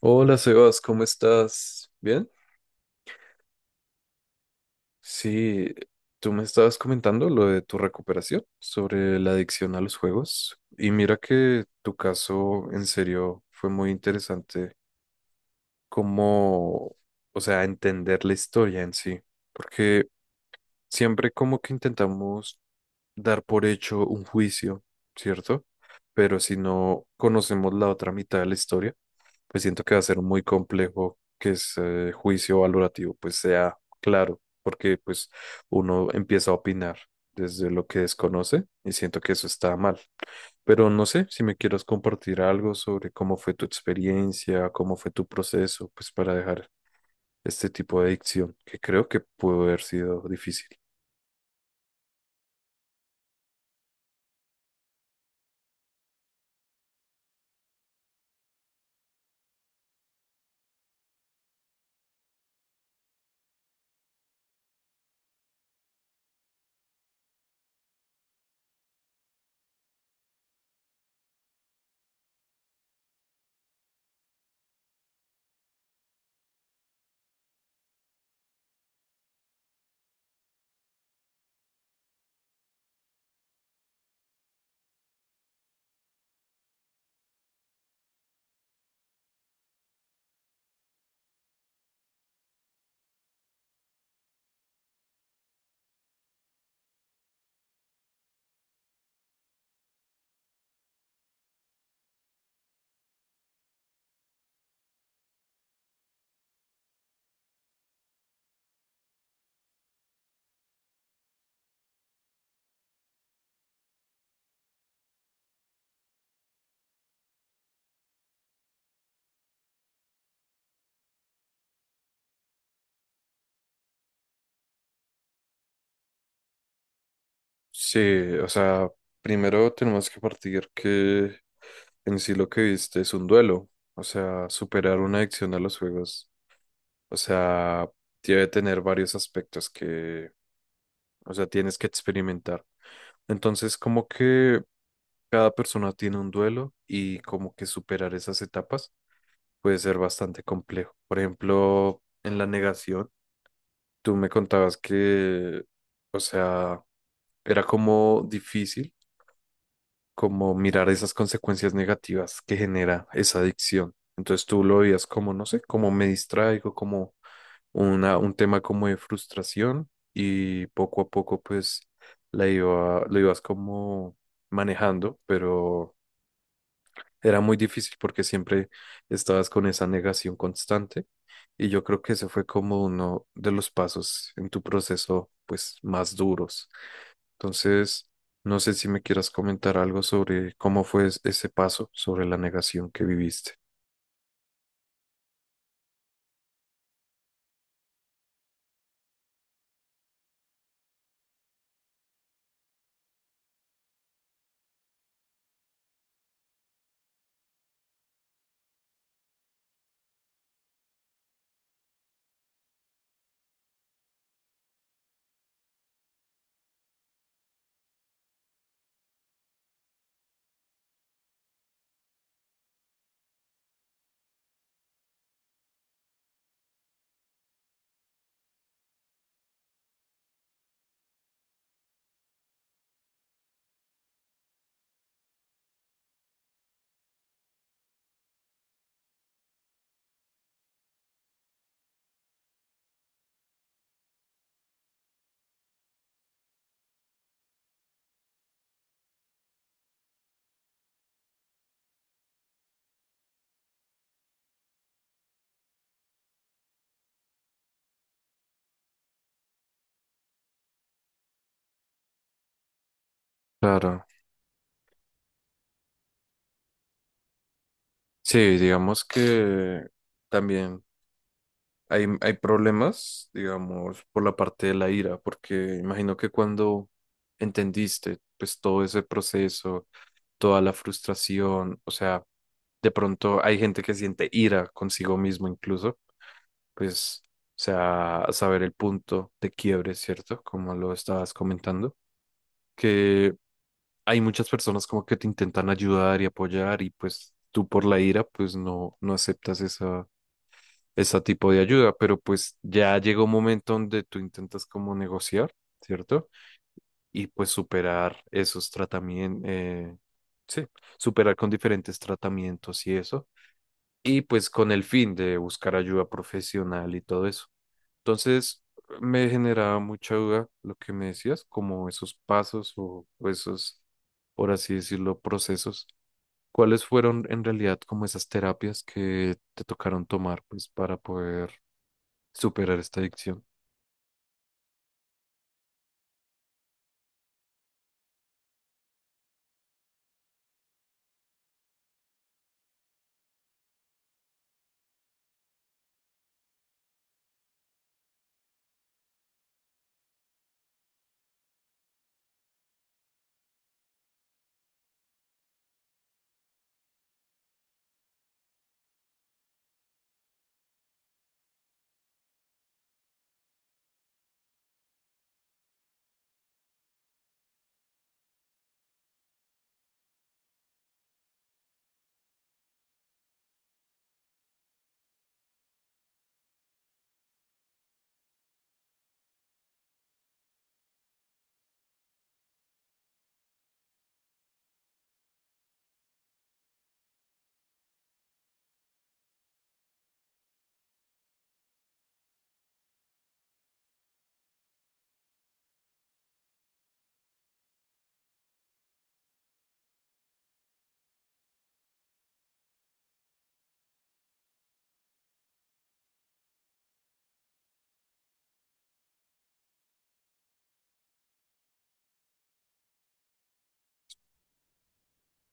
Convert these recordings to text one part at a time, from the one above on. Hola Sebas, ¿cómo estás? ¿Bien? Sí, tú me estabas comentando lo de tu recuperación sobre la adicción a los juegos y mira que tu caso en serio fue muy interesante como, o sea, entender la historia en sí, porque siempre como que intentamos dar por hecho un juicio, ¿cierto? Pero si no conocemos la otra mitad de la historia, pues siento que va a ser muy complejo que ese juicio valorativo pues sea claro, porque pues uno empieza a opinar desde lo que desconoce y siento que eso está mal. Pero no sé si me quieras compartir algo sobre cómo fue tu experiencia, cómo fue tu proceso, pues para dejar este tipo de adicción, que creo que pudo haber sido difícil. Sí, o sea, primero tenemos que partir que en sí lo que viste es un duelo, o sea, superar una adicción a los juegos, o sea, debe tener varios aspectos que, o sea, tienes que experimentar. Entonces, como que cada persona tiene un duelo y como que superar esas etapas puede ser bastante complejo. Por ejemplo, en la negación, tú me contabas que, o sea, era como difícil como mirar esas consecuencias negativas que genera esa adicción. Entonces tú lo veías como, no sé, como me distraigo, como un tema como de frustración y poco a poco pues lo ibas como manejando, pero era muy difícil porque siempre estabas con esa negación constante y yo creo que ese fue como uno de los pasos en tu proceso pues más duros. Entonces, no sé si me quieras comentar algo sobre cómo fue ese paso, sobre la negación que viviste. Claro. Sí, digamos que también hay problemas, digamos, por la parte de la ira, porque imagino que cuando entendiste, pues todo ese proceso, toda la frustración, o sea, de pronto hay gente que siente ira consigo mismo incluso, pues, o sea, saber el punto de quiebre, ¿cierto? Como lo estabas comentando, que hay muchas personas como que te intentan ayudar y apoyar y pues tú por la ira pues no, no aceptas esa, ese tipo de ayuda, pero pues ya llega un momento donde tú intentas como negociar, ¿cierto? Y pues superar esos tratamientos, sí, superar con diferentes tratamientos y eso, y pues con el fin de buscar ayuda profesional y todo eso. Entonces me generaba mucha duda lo que me decías, como esos pasos o esos, por así decirlo, procesos. ¿Cuáles fueron en realidad como esas terapias que te tocaron tomar pues para poder superar esta adicción?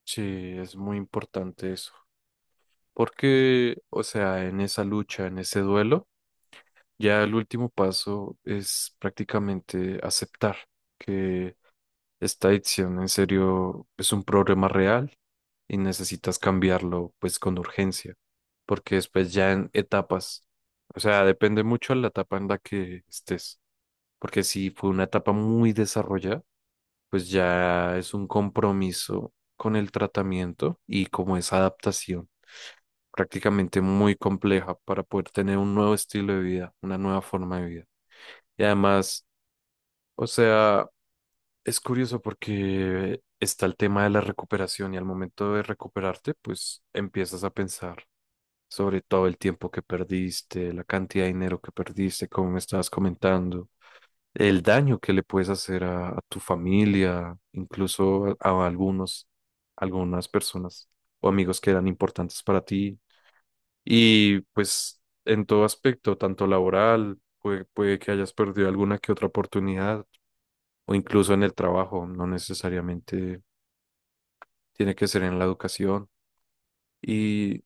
Sí, es muy importante eso, porque, o sea, en esa lucha, en ese duelo, ya el último paso es prácticamente aceptar que esta adicción en serio es un problema real y necesitas cambiarlo pues con urgencia, porque después ya en etapas, o sea, depende mucho de la etapa en la que estés, porque si fue una etapa muy desarrollada, pues ya es un compromiso con el tratamiento y como esa adaptación prácticamente muy compleja para poder tener un nuevo estilo de vida, una nueva forma de vida. Y además, o sea, es curioso porque está el tema de la recuperación y al momento de recuperarte, pues empiezas a pensar sobre todo el tiempo que perdiste, la cantidad de dinero que perdiste, como me estabas comentando, el daño que le puedes hacer a tu familia, incluso a algunos, algunas personas o amigos que eran importantes para ti. Y pues en todo aspecto, tanto laboral, puede que hayas perdido alguna que otra oportunidad o incluso en el trabajo, no necesariamente tiene que ser en la educación. Y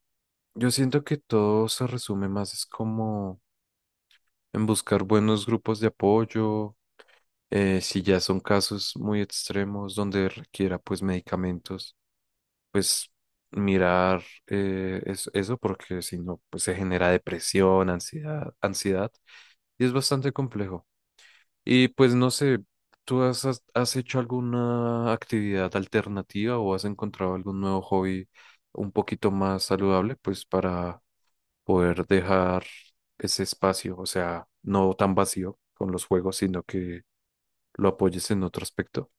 yo siento que todo se resume más, es como en buscar buenos grupos de apoyo, si ya son casos muy extremos donde requiera pues medicamentos, pues mirar eso porque si no, pues se genera depresión, ansiedad, ansiedad, y es bastante complejo. Y pues no sé, ¿tú has hecho alguna actividad alternativa o has encontrado algún nuevo hobby un poquito más saludable, pues para poder dejar ese espacio, o sea, no tan vacío con los juegos, sino que lo apoyes en otro aspecto?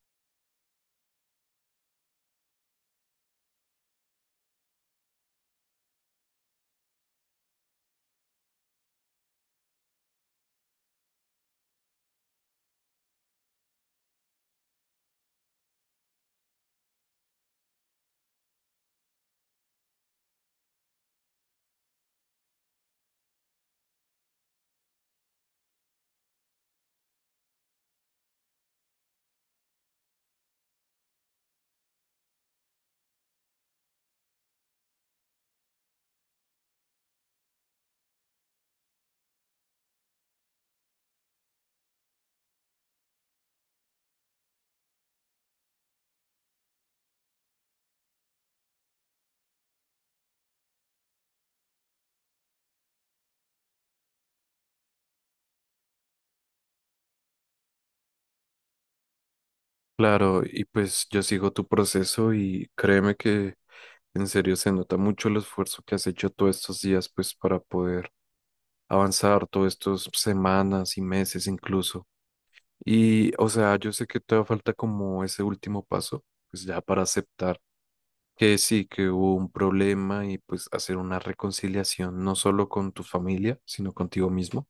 Claro, y pues yo sigo tu proceso y créeme que en serio se nota mucho el esfuerzo que has hecho todos estos días, pues para poder avanzar todos estos semanas y meses incluso. Y, o sea, yo sé que todavía falta como ese último paso, pues ya para aceptar que sí, que hubo un problema y pues hacer una reconciliación, no solo con tu familia, sino contigo mismo,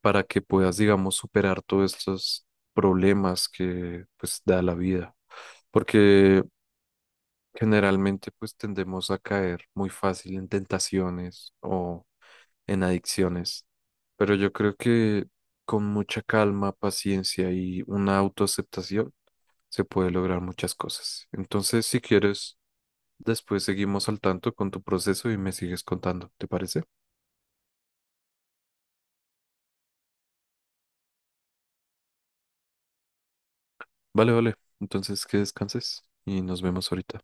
para que puedas, digamos, superar todos estos problemas que pues da la vida. Porque generalmente pues tendemos a caer muy fácil en tentaciones o en adicciones, pero yo creo que con mucha calma, paciencia y una autoaceptación, se puede lograr muchas cosas. Entonces, si quieres, después seguimos al tanto con tu proceso y me sigues contando, ¿te parece? Vale, vale. Entonces, que descanses y nos vemos ahorita.